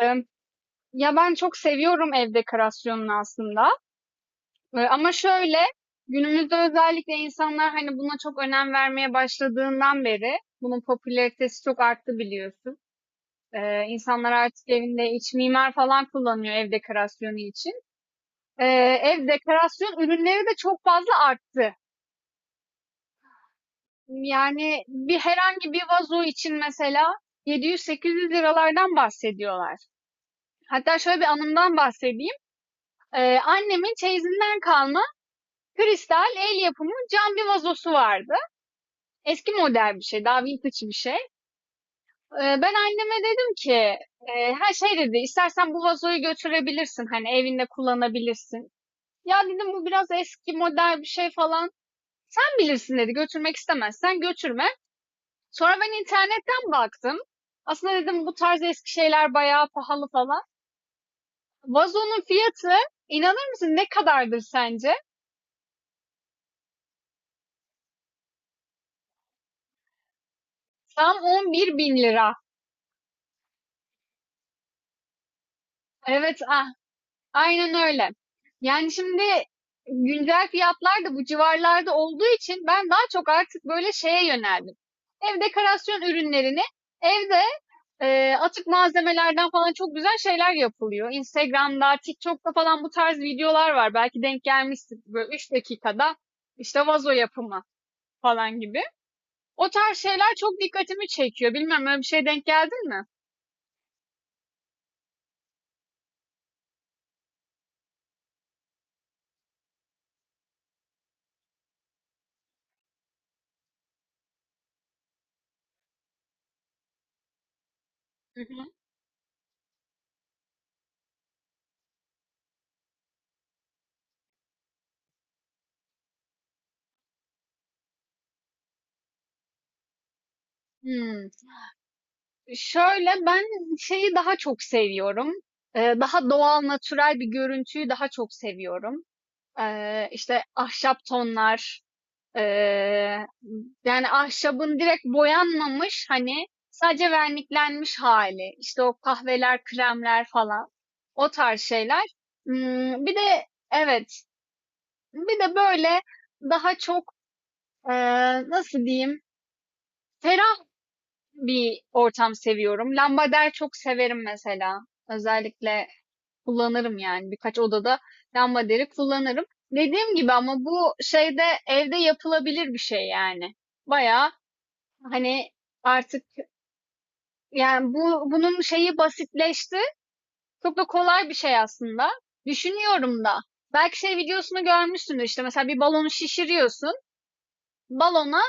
Emm, ya, ben çok seviyorum ev dekorasyonunu aslında, ama şöyle, günümüzde özellikle insanlar, hani, buna çok önem vermeye başladığından beri bunun popülaritesi çok arttı biliyorsun. İnsanlar artık evinde iç mimar falan kullanıyor ev dekorasyonu için. Ev dekorasyon ürünleri de çok fazla arttı. Yani herhangi bir vazo için mesela ₺700 liralardan bahsediyorlar. Hatta şöyle bir anımdan bahsedeyim. Annemin çeyizinden kalma kristal el yapımı cam bir vazosu vardı. Eski model bir şey, daha vintage bir şey. Ben anneme dedim ki, her şey dedi, istersen bu vazoyu götürebilirsin, hani evinde kullanabilirsin. Ya dedim bu biraz eski model bir şey falan. Sen bilirsin dedi, götürmek istemezsen götürme. Sonra ben internetten baktım. Aslında dedim bu tarz eski şeyler bayağı pahalı falan. Vazonun fiyatı inanır mısın ne kadardır sence? Tam 11 bin lira. Evet, ah, aynen öyle. Yani şimdi güncel fiyatlar da bu civarlarda olduğu için ben daha çok artık böyle şeye yöneldim. Ev dekorasyon ürünlerini evde atık malzemelerden falan çok güzel şeyler yapılıyor. Instagram'da, TikTok'ta falan bu tarz videolar var. Belki denk gelmişsin böyle 3 dakikada işte vazo yapımı falan gibi. O tarz şeyler çok dikkatimi çekiyor. Bilmem öyle bir şey denk geldin mi? Hı hı. Hmm. Şöyle, ben şeyi daha çok seviyorum. Daha doğal, natürel bir görüntüyü daha çok seviyorum. İşte ahşap tonlar, eee, yani ahşabın direkt boyanmamış hani sadece verniklenmiş hali. İşte o kahveler, kremler falan. O tarz şeyler. Bir de evet, bir de böyle daha çok nasıl diyeyim? Ferah bir ortam seviyorum. Lambader çok severim mesela. Özellikle kullanırım yani birkaç odada lambaderi kullanırım. Dediğim gibi ama bu şeyde evde yapılabilir bir şey yani. Bayağı hani artık yani bunun şeyi basitleşti. Çok da kolay bir şey aslında. Düşünüyorum da. Belki şey videosunu görmüşsündür işte mesela bir balonu şişiriyorsun. Balona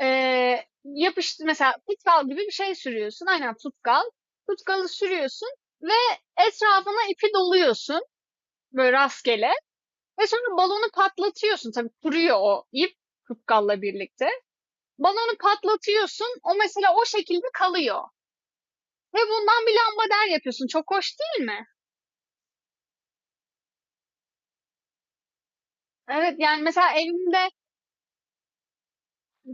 yapıştı mesela tutkal gibi bir şey sürüyorsun. Aynen tutkal. Tutkalı sürüyorsun ve etrafına ipi doluyorsun böyle rastgele ve sonra balonu patlatıyorsun. Tabii kuruyor o ip tutkalla birlikte. Balonu patlatıyorsun. O mesela o şekilde kalıyor. Ve bundan bir lambader yapıyorsun. Çok hoş değil mi? Evet yani mesela evimde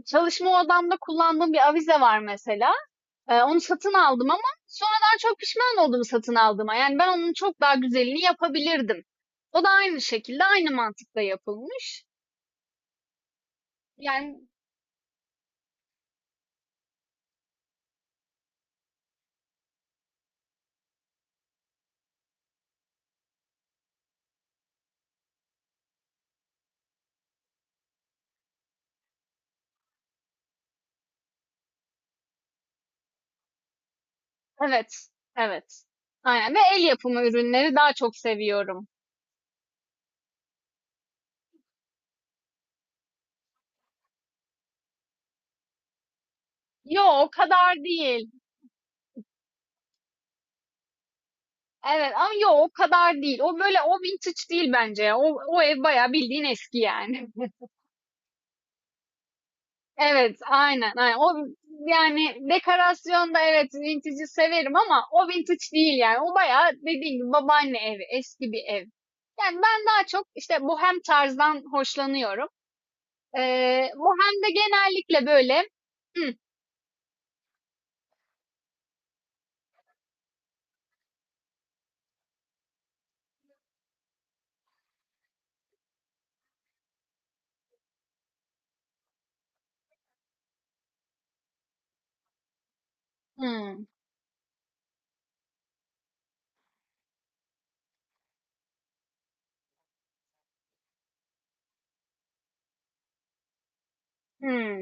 çalışma odamda kullandığım bir avize var mesela. Onu satın aldım ama sonradan çok pişman oldum satın aldığıma. Yani ben onun çok daha güzelini yapabilirdim. O da aynı şekilde, aynı mantıkla yapılmış. Yani evet, evet. Aynen. Ve el yapımı ürünleri daha çok seviyorum. Yo, o kadar değil. Evet ama yo o kadar değil. O böyle o vintage değil bence ya. O ev bayağı bildiğin eski yani. Evet, aynen, aynen. O yani dekorasyonda evet vintage'i severim ama o vintage değil yani. O bayağı dediğim gibi babaanne evi, eski bir ev. Yani ben daha çok işte bohem tarzdan hoşlanıyorum. Bohemde genellikle böyle hmm, hmm, hmm.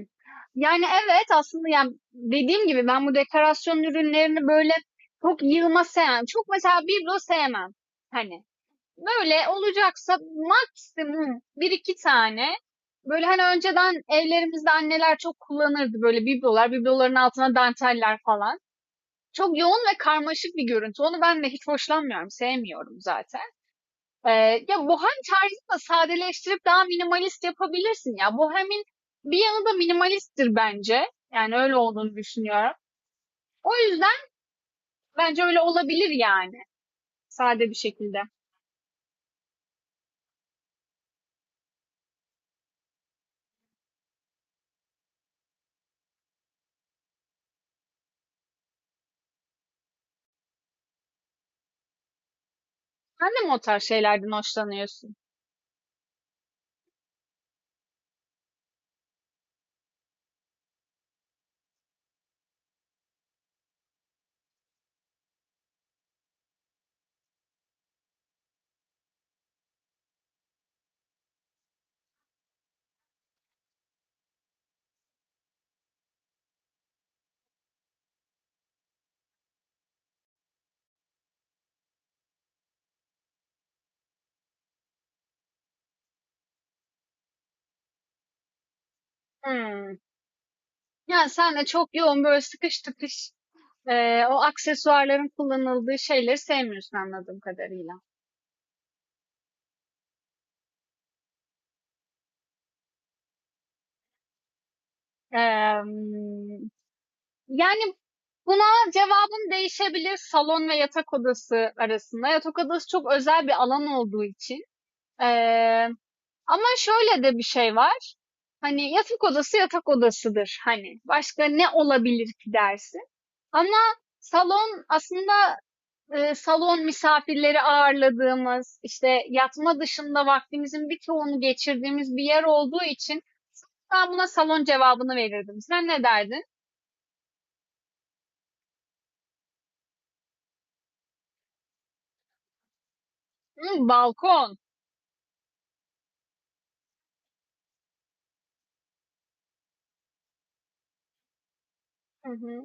Yani evet aslında yani dediğim gibi ben bu dekorasyon ürünlerini böyle çok yığma sevmem. Çok mesela biblo sevmem. Hani böyle olacaksa maksimum bir iki tane böyle hani önceden evlerimizde anneler çok kullanırdı böyle biblolar, bibloların altına danteller falan. Çok yoğun ve karmaşık bir görüntü. Onu ben de hiç hoşlanmıyorum, sevmiyorum zaten. Ee, Ya bohem tarzını da sadeleştirip daha minimalist yapabilirsin ya. Bohemin bir yanı da minimalisttir bence. Yani öyle olduğunu düşünüyorum. O yüzden bence öyle olabilir yani. Sade bir şekilde. Sen de mi o tarz şeylerden hoşlanıyorsun? Hmm. Ya sen de çok yoğun böyle sıkış tıkış o aksesuarların kullanıldığı şeyleri sevmiyorsun anladığım kadarıyla. Eee, Yani buna cevabım değişebilir salon ve yatak odası arasında. Yatak odası çok özel bir alan olduğu için. Eee, Ama şöyle de bir şey var. Hani yatak odası yatak odasıdır. Hani başka ne olabilir ki dersin. Ama salon aslında salon misafirleri ağırladığımız, işte yatma dışında vaktimizin bir çoğunu geçirdiğimiz bir yer olduğu için ben buna salon cevabını verirdim. Sen ne derdin? Hmm, balkon. Hı hı.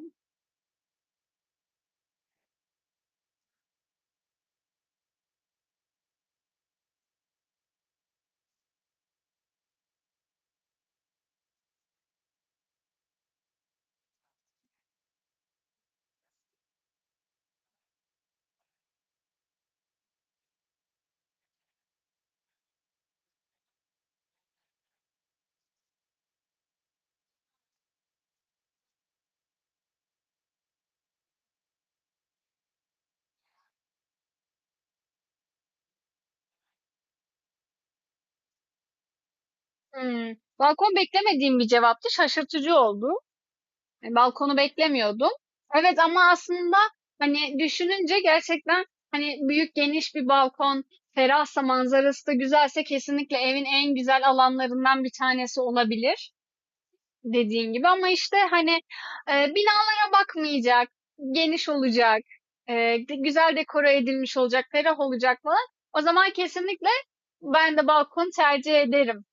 Hmm. Balkon beklemediğim bir cevaptı. Şaşırtıcı oldu. Yani balkonu beklemiyordum. Evet ama aslında hani düşününce gerçekten hani büyük geniş bir balkon, ferahsa manzarası da güzelse kesinlikle evin en güzel alanlarından bir tanesi olabilir. Dediğin gibi ama işte hani binalara bakmayacak, geniş olacak, e, güzel dekora edilmiş olacak, ferah olacak falan. O zaman kesinlikle ben de balkon tercih ederim.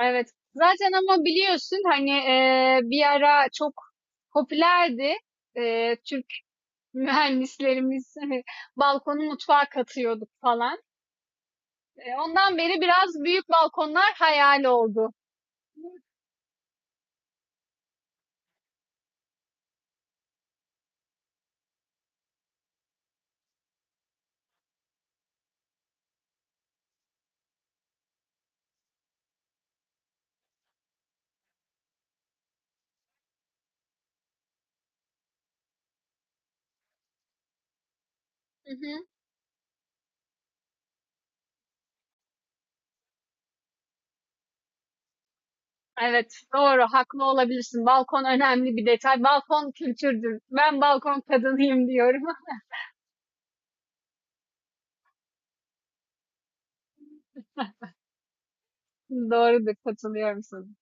Evet. Zaten ama biliyorsun hani bir ara çok popülerdi. Türk mühendislerimiz hani balkonu mutfağa katıyorduk falan. Ondan beri biraz büyük balkonlar hayal oldu. Hı hı. Evet, doğru, haklı olabilirsin. Balkon önemli bir detay. Balkon kültürdür. Ben balkon kadınıyım diyorum. Doğrudur, katılıyorum sana.